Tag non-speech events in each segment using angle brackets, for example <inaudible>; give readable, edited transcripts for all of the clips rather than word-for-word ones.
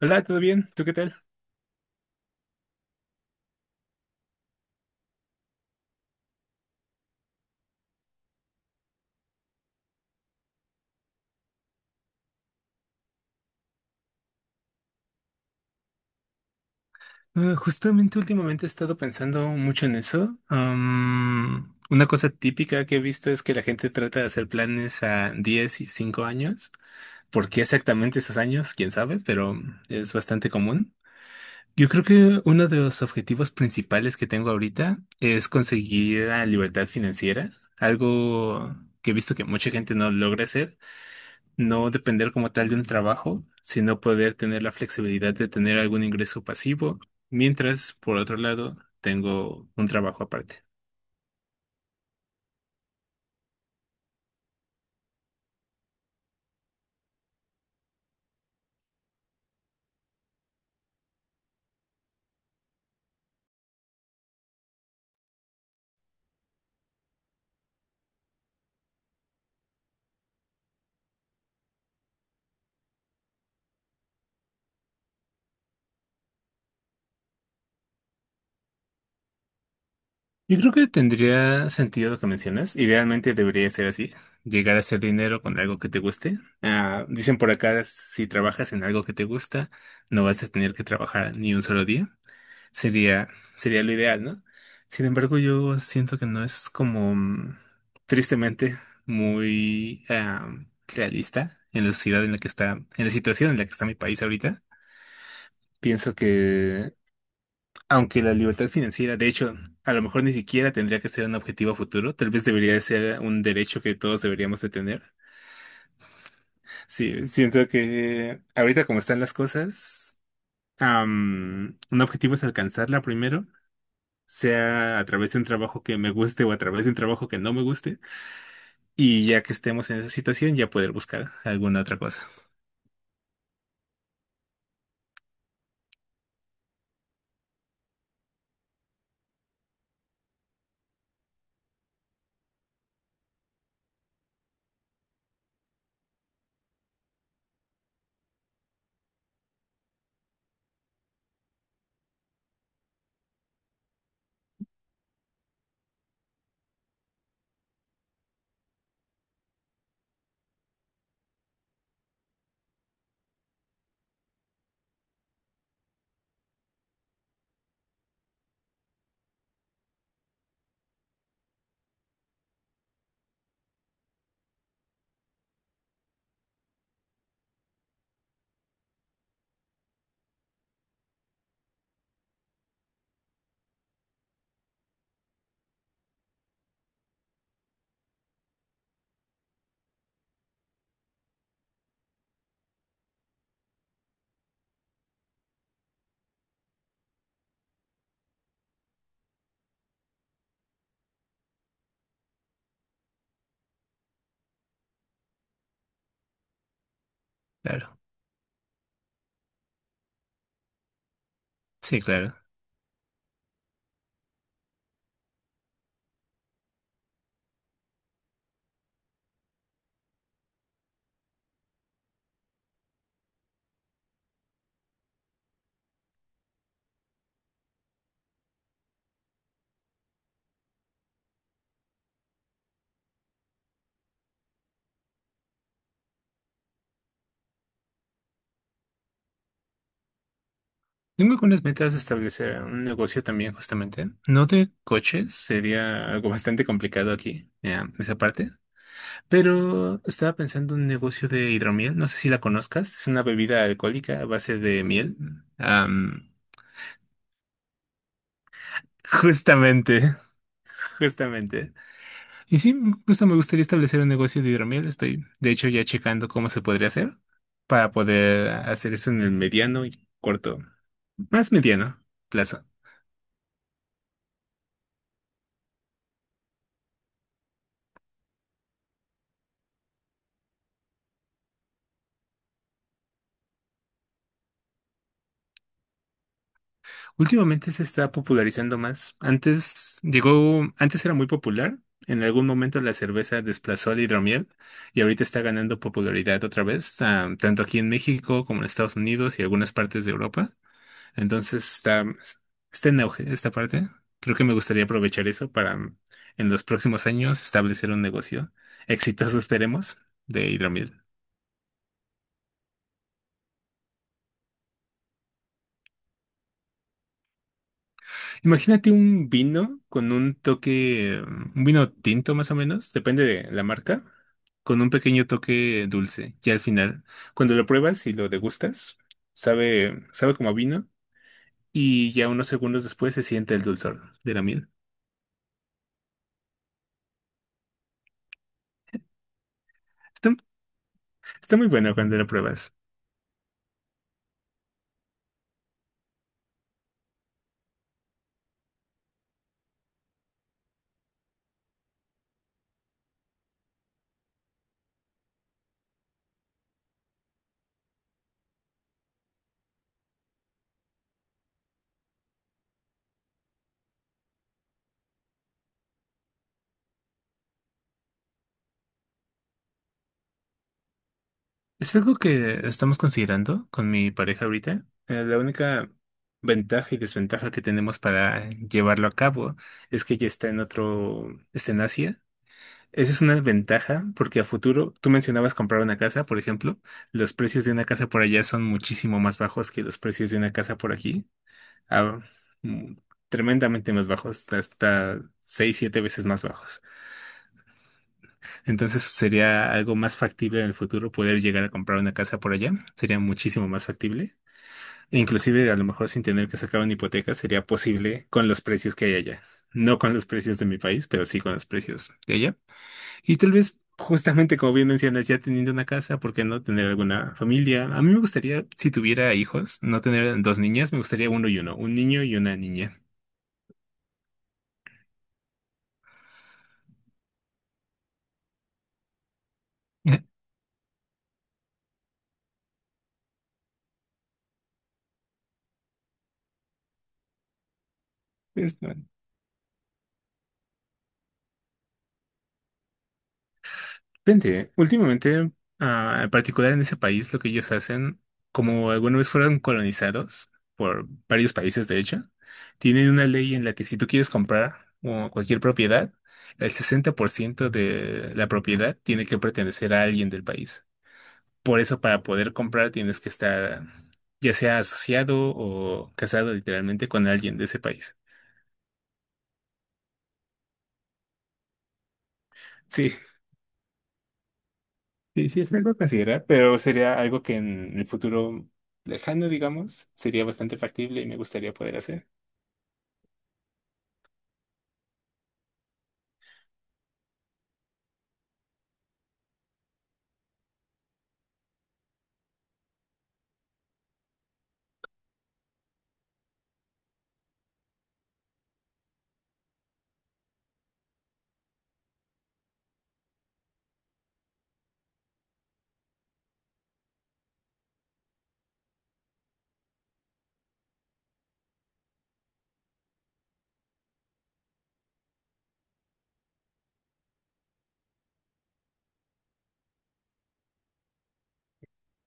Hola, ¿todo bien? ¿Tú qué tal? Ah, justamente últimamente he estado pensando mucho en eso. Una cosa típica que he visto es que la gente trata de hacer planes a 10 y 5 años. ¿Por qué exactamente esos años? Quién sabe, pero es bastante común. Yo creo que uno de los objetivos principales que tengo ahorita es conseguir la libertad financiera, algo que he visto que mucha gente no logra hacer, no depender como tal de un trabajo, sino poder tener la flexibilidad de tener algún ingreso pasivo, mientras, por otro lado, tengo un trabajo aparte. Yo creo que tendría sentido lo que mencionas. Idealmente debería ser así, llegar a hacer dinero con algo que te guste. Ah, dicen por acá, si trabajas en algo que te gusta, no vas a tener que trabajar ni un solo día. Sería, sería lo ideal, ¿no? Sin embargo, yo siento que no es como tristemente muy realista en la sociedad en la que está, en la situación en la que está mi país ahorita. Pienso que, aunque la libertad financiera, de hecho, a lo mejor ni siquiera tendría que ser un objetivo a futuro, tal vez debería de ser un derecho que todos deberíamos de tener. Sí, siento que ahorita como están las cosas, un objetivo es alcanzarla primero, sea a través de un trabajo que me guste o a través de un trabajo que no me guste, y ya que estemos en esa situación, ya poder buscar alguna otra cosa. Claro, sí, claro. Tengo algunas metas de establecer un negocio también, justamente. No de coches, sería algo bastante complicado aquí, esa parte. Pero estaba pensando en un negocio de hidromiel, no sé si la conozcas, es una bebida alcohólica a base de miel. Am, justamente, <laughs> justamente. Y sí, justo me gustaría establecer un negocio de hidromiel. Estoy, de hecho, ya checando cómo se podría hacer para poder hacer eso en el mediano y corto, más mediano plazo. Últimamente se está popularizando más. Antes era muy popular. En algún momento la cerveza desplazó al hidromiel y ahorita está ganando popularidad otra vez, tanto aquí en México como en Estados Unidos y algunas partes de Europa. Entonces está, Está en auge esta parte. Creo que me gustaría aprovechar eso para en los próximos años establecer un negocio exitoso, esperemos, de hidromiel. Imagínate un vino con un toque, un vino tinto más o menos, depende de la marca, con un pequeño toque dulce. Y al final, cuando lo pruebas y lo degustas, sabe como a vino y ya unos segundos después se siente el dulzor de la miel. Está, Está muy bueno cuando lo pruebas. Es algo que estamos considerando con mi pareja ahorita. La única ventaja y desventaja que tenemos para llevarlo a cabo es que está en Asia. Esa es una ventaja porque a futuro, tú mencionabas comprar una casa, por ejemplo, los precios de una casa por allá son muchísimo más bajos que los precios de una casa por aquí. Ah, mm, Tremendamente más bajos, hasta 6, 7 veces más bajos. Entonces sería algo más factible en el futuro poder llegar a comprar una casa por allá. Sería muchísimo más factible. E inclusive a lo mejor sin tener que sacar una hipoteca sería posible con los precios que hay allá. No con los precios de mi país, pero sí con los precios de allá. Y tal vez justamente como bien mencionas, ya teniendo una casa, ¿por qué no tener alguna familia? A mí me gustaría, si tuviera hijos, no tener dos niñas, me gustaría uno y uno, un niño y una niña. <laughs> Pues, no, depende. Últimamente, en particular en ese país, lo que ellos hacen, como alguna vez fueron colonizados por varios países, de hecho, tienen una ley en la que si tú quieres comprar o cualquier propiedad, el 60% de la propiedad tiene que pertenecer a alguien del país. Por eso, para poder comprar, tienes que estar ya sea asociado o casado literalmente con alguien de ese país. Sí, sí, sí, es algo a considerar, pero sería algo que en el futuro lejano, digamos, sería bastante factible y me gustaría poder hacer.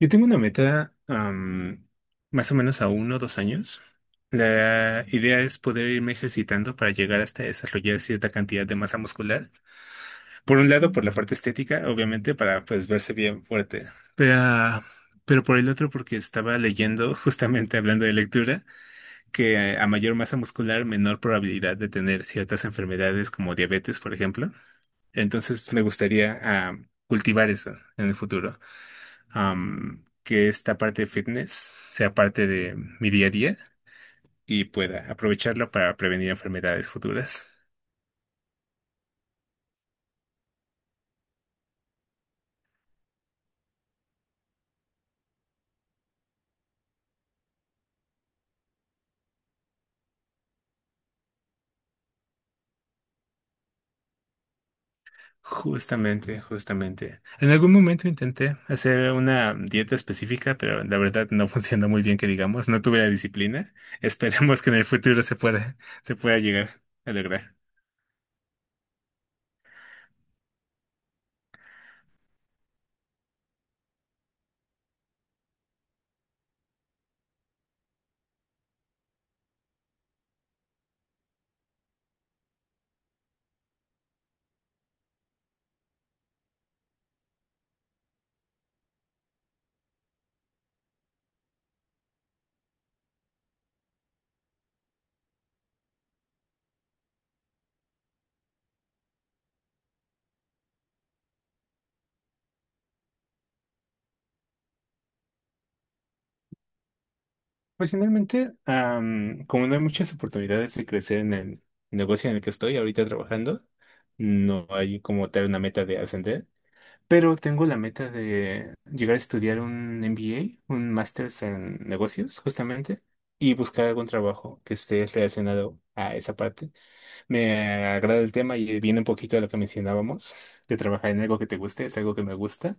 Yo tengo una meta, más o menos a 1 o 2 años. La idea es poder irme ejercitando para llegar hasta desarrollar cierta cantidad de masa muscular. Por un lado, por la parte estética, obviamente, para pues verse bien fuerte. Pero, pero por el otro, porque estaba leyendo, <laughs> justamente hablando de lectura, que a mayor masa muscular, menor probabilidad de tener ciertas enfermedades como diabetes, por ejemplo. Entonces, me gustaría cultivar eso en el futuro. Que esta parte de fitness sea parte de mi día a día y pueda aprovecharlo para prevenir enfermedades futuras. Justamente, justamente. En algún momento intenté hacer una dieta específica, pero la verdad no <laughs> funcionó muy bien, que digamos, no tuve la disciplina. Esperemos que en el futuro se pueda llegar a lograr. Pues finalmente, como no hay muchas oportunidades de crecer en el negocio en el que estoy ahorita trabajando, no hay como tal una meta de ascender, pero tengo la meta de llegar a estudiar un MBA, un Masters en negocios, justamente, y buscar algún trabajo que esté relacionado a esa parte. Me agrada el tema y viene un poquito de lo que mencionábamos, de trabajar en algo que te guste, es algo que me gusta.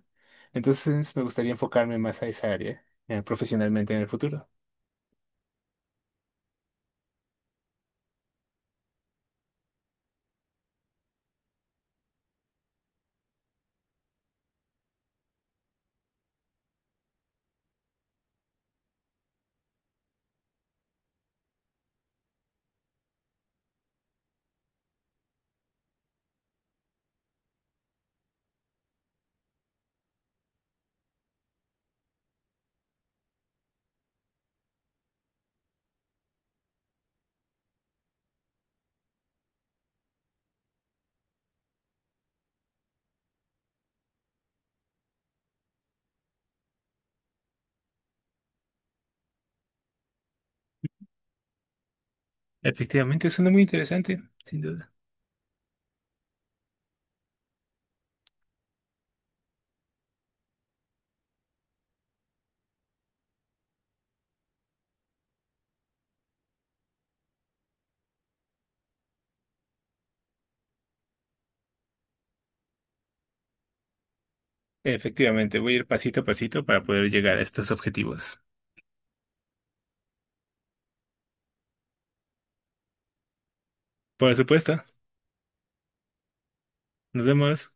Entonces me gustaría enfocarme más a esa área, profesionalmente en el futuro. Efectivamente, suena muy interesante, sin duda. Efectivamente, voy a ir pasito a pasito para poder llegar a estos objetivos. Por supuesto, nos vemos.